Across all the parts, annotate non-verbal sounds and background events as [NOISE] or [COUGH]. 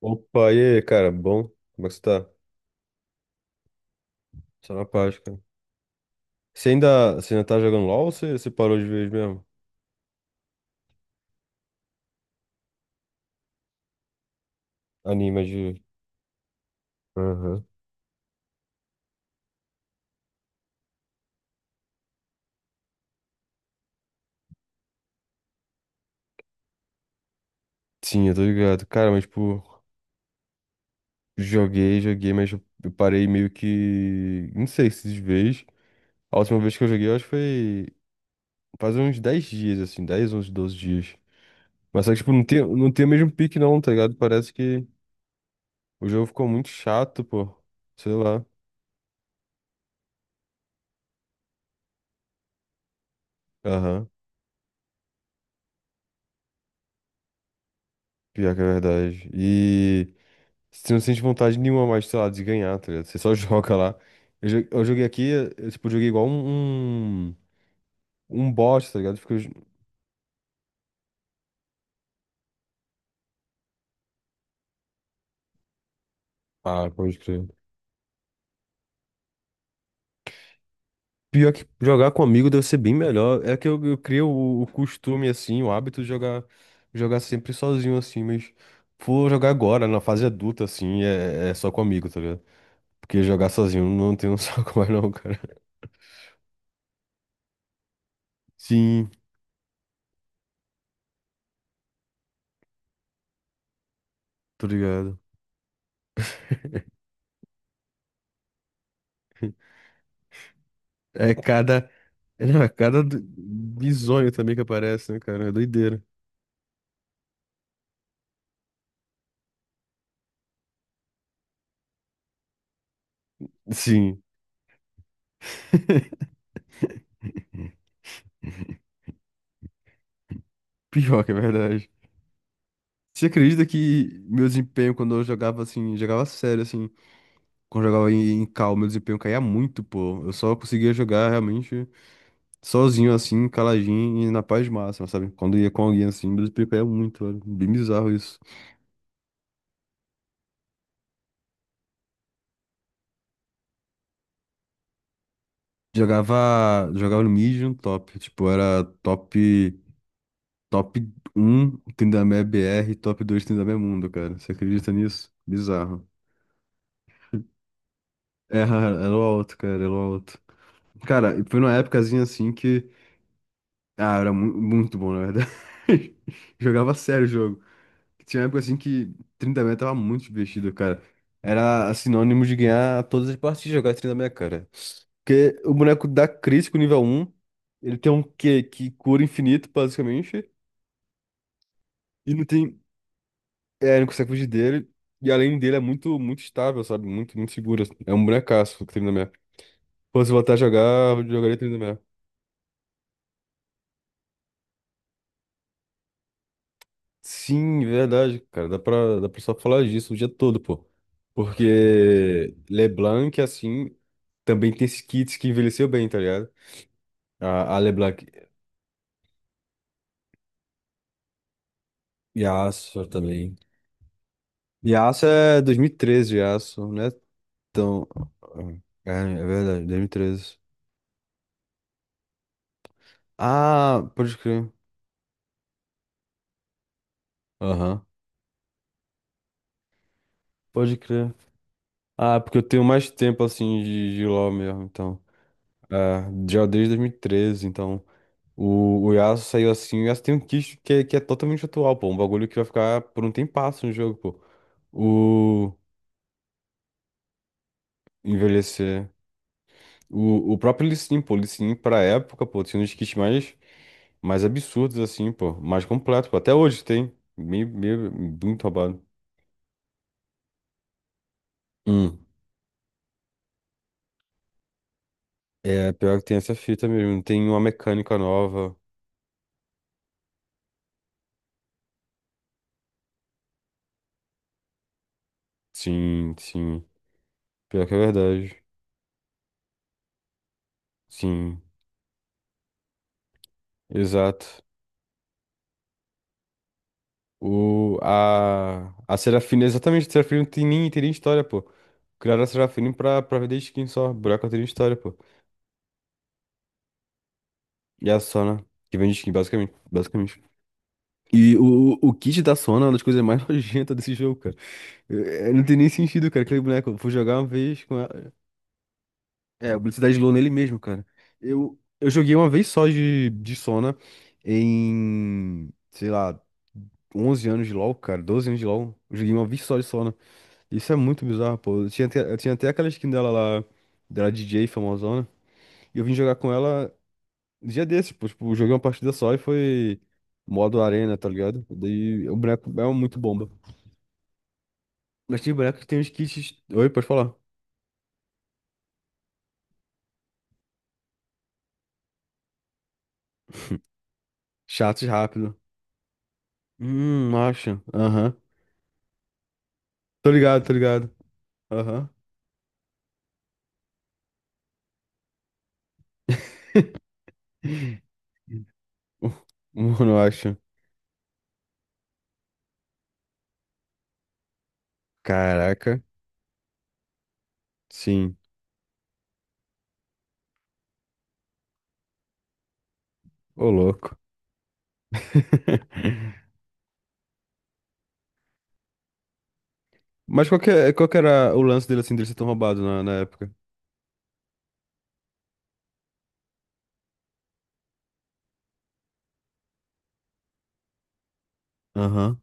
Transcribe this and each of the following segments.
Opa, e aí, cara, bom? Como é que você tá? Só na paz, cara. Você ainda tá jogando LOL ou você parou de vez mesmo? Anima de. Aham. Sim, eu tô ligado. Cara, mas, tipo, joguei, mas eu parei meio que. Não sei se de vez. A última vez que eu joguei, eu acho que foi faz uns 10 dias, assim, 10 11, 12 dias. Mas só que, tipo, não tem o mesmo pique, não, tá ligado? Parece que o jogo ficou muito chato, pô. Sei lá. Aham. Pior que é verdade. E. Você não sente vontade nenhuma mais, sei lá, de ganhar, tá ligado? Você só [LAUGHS] joga lá. Eu joguei aqui, eu, tipo, joguei igual um bot, tá ligado? Fico. Ah, pode crer. Pior que jogar com amigo deve ser bem melhor. É que eu crio o costume, assim, o hábito de jogar sempre sozinho, assim, mas for jogar agora, na fase adulta, assim, é só com amigo, tá ligado? Porque jogar sozinho não tem um [LAUGHS] saco mais não, cara. Sim, tô ligado. É cada. Não, é cada bizonho também que aparece, né, cara? É doideira. Sim. [LAUGHS] Pior que é verdade. Você acredita que meu desempenho quando eu jogava assim, jogava sério, assim, quando eu jogava em cal, meu desempenho caía muito, pô. Eu só conseguia jogar realmente sozinho, assim, caladinho e na paz máxima, sabe? Quando ia com alguém assim, meu desempenho caía muito, velho. Bem bizarro isso. Jogava no mid e no top, tipo, era top. Top um, Trindamé BR, top 2 Trindamé Mundo, cara. Você acredita nisso? Bizarro. É, [LAUGHS] era o alto, cara, era o alto. Cara, e foi numa épocazinha assim que. Ah, era muito bom, na verdade. [LAUGHS] Jogava sério o jogo. Tinha uma época assim que 30 mega tava muito divertido, cara. Era sinônimo de ganhar todas as partidas jogar 30 mega, cara. Porque o boneco dá crítico nível um, ele tem um Q que cura infinito, basicamente. E não tem. É, não consegue fugir dele. E além dele é muito, muito estável, sabe? Muito, muito seguro, assim. É um bonecaço o 30. Pô, se voltar a jogar, eu jogaria 30. Sim, verdade, cara. Dá pra só falar disso o dia todo, pô. Porque LeBlanc, assim, também tem esses kits que envelheceu bem, tá ligado? A LeBlanc. E a Yasuo também. E a Yasuo é 2013, Yasuo, né? Então. É, é verdade, 2013. Ah, pode crer. Aham, pode crer. Ah, porque eu tenho mais tempo assim de LoL mesmo, então. É, já desde dois mil e treze, então. O Yasuo saiu assim, o Yasuo tem um kit que é totalmente atual, pô. Um bagulho que vai ficar por um tempasso no jogo, pô. O envelhecer. O próprio Lee Sin, pô. Lee Sin, pra época, pô, tinha um dos kits mais absurdos, assim, pô. Mais completo, pô. Até hoje tem. Meio, muito roubado. Hum. É, pior que tem essa fita mesmo. Tem uma mecânica nova. Sim, sim. Pior que é verdade. Sim, exato. A Serafina, exatamente, a Serafina não tem nem, história, pô. Criaram a Serafina pra vender skin só. Buraco não tem nem história, pô. E a Sona, que vende skin, basicamente. Basicamente. E o kit da Sona é uma das coisas mais [LAUGHS] nojentas desse jogo, cara. É, não tem nem sentido, cara. Aquele boneco, eu fui jogar uma vez com ela. É, o Blitzkrieg Low nele mesmo, cara. Eu joguei uma vez só de Sona em, sei lá, 11 anos de LoL, cara, 12 anos de LoL. Eu joguei uma vez só de Sona. Isso é muito bizarro, pô. Eu tinha até aquela skin dela lá, dela DJ famosona. E eu vim jogar com ela um dia desses, pô. Tipo, joguei uma partida só e foi modo arena, tá ligado? Daí o boneco é muito bomba. Mas tem boneco que tem uns kits. Oi, pode falar. [LAUGHS] Chatos rápido. Acha. Aham. Tô ligado, tô ligado. Aham. [LAUGHS] Mano, eu acho. Caraca, sim. Ô, louco. [LAUGHS] Mas qual que era o lance dele assim, dele ser tão roubado na época? Aham,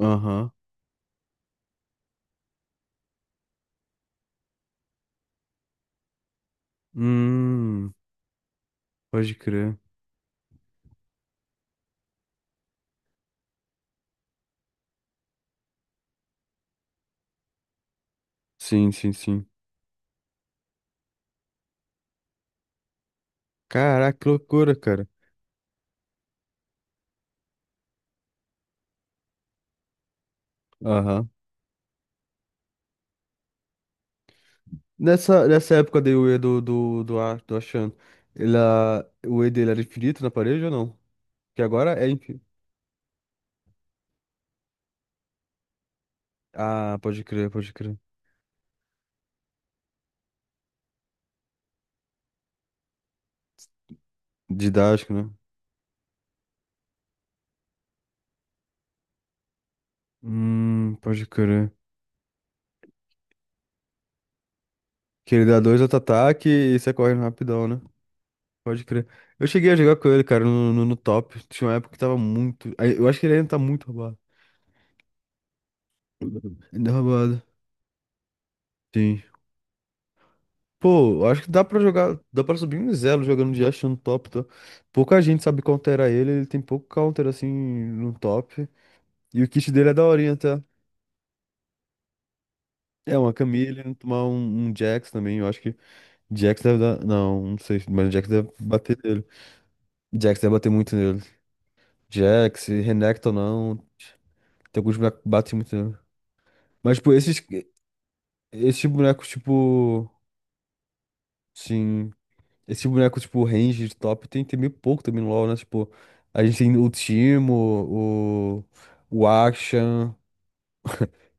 aham. Hum, pode crer. Sim, sim, sim. Caraca, que loucura, cara. Aham. Nessa época daí o E do Achan, o E dele era infinito na parede ou não? Que agora é infinito. Ah, pode crer, pode crer. Didático, né? Pode crer. Que ele dá dois auto-ataque e sai correndo rapidão, né? Pode crer. Eu cheguei a jogar com ele, cara, no top. Tinha uma época que tava muito. Aí, eu acho que ele ainda tá muito roubado. [LAUGHS] Ainda é roubado. Sim. Pô, eu acho que dá pra jogar. Dá pra subir um zelo jogando de Ashe no top, tá? Pouca gente sabe counterar ele, ele tem pouco counter assim no top. E o kit dele é daorinha, tá? É uma Camille, tomar um, Jax também. Eu acho que Jax deve dar. Não, não sei, mas Jax deve bater nele. Jax deve bater muito nele. Jax, Renekton não. Tem alguns bonecos que batem muito nele. Mas, tipo, esses, bonecos, tipo. Sim. Esse boneco, tipo, range de top tem meio pouco também no LoL, né? Tipo, a gente tem o Timo, o. O Action.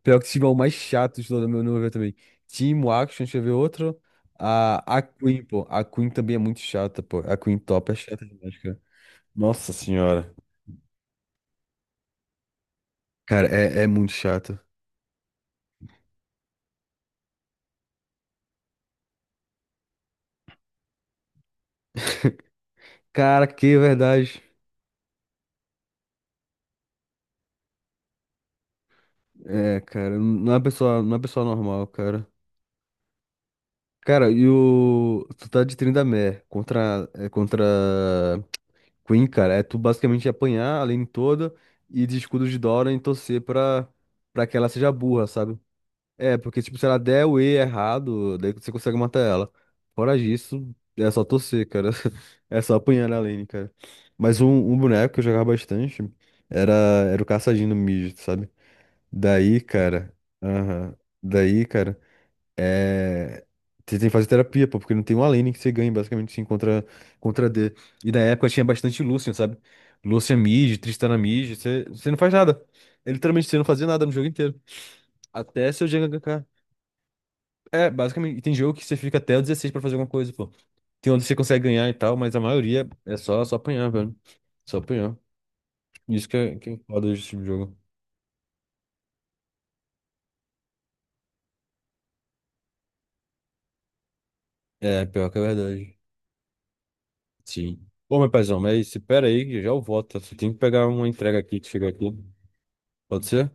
Pior que o Timo é o mais chato de todo no meu ver também. Timo, Action, deixa eu ver outro. A Queen, pô. A Queen também é muito chata, pô. A Queen top é chata demais, cara. Nossa senhora. Cara, é muito chato. Cara, que verdade. É, cara, não é uma pessoa, não é uma pessoa normal, cara. Cara, e o. Tu tá de Trindamere contra Queen, cara. É tu basicamente apanhar a lane toda e de escudo de Dora e torcer pra, que ela seja burra, sabe? É, porque, tipo, se ela der o E errado, daí você consegue matar ela. Fora disso, é só torcer, cara. [LAUGHS] É só apanhar na lane, cara. Mas um, boneco que eu jogava bastante era, era o Caçadinho no mid, sabe? Daí, cara. Aham. Daí, cara, é. Você tem que fazer terapia, pô, porque não tem uma lane que você ganhe, basicamente, sim, contra, D. E na época tinha bastante Lucian, sabe? Lucian mid, Tristana mid, você não faz nada. Ele. Literalmente, você não fazia nada no jogo inteiro. Até seu Jhin gankar. É, basicamente, e tem jogo que você fica até o 16 pra fazer alguma coisa, pô. Tem onde você consegue ganhar e tal, mas a maioria é só, apanhar, velho. Só apanhar. Isso que é foda desse tipo de jogo. É, pior que é verdade. Sim. Ô, meu paizão, mas espera aí, que já eu volto, tá? Só tenho que pegar uma entrega aqui que chegou aqui. Pode ser?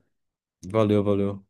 Valeu, valeu.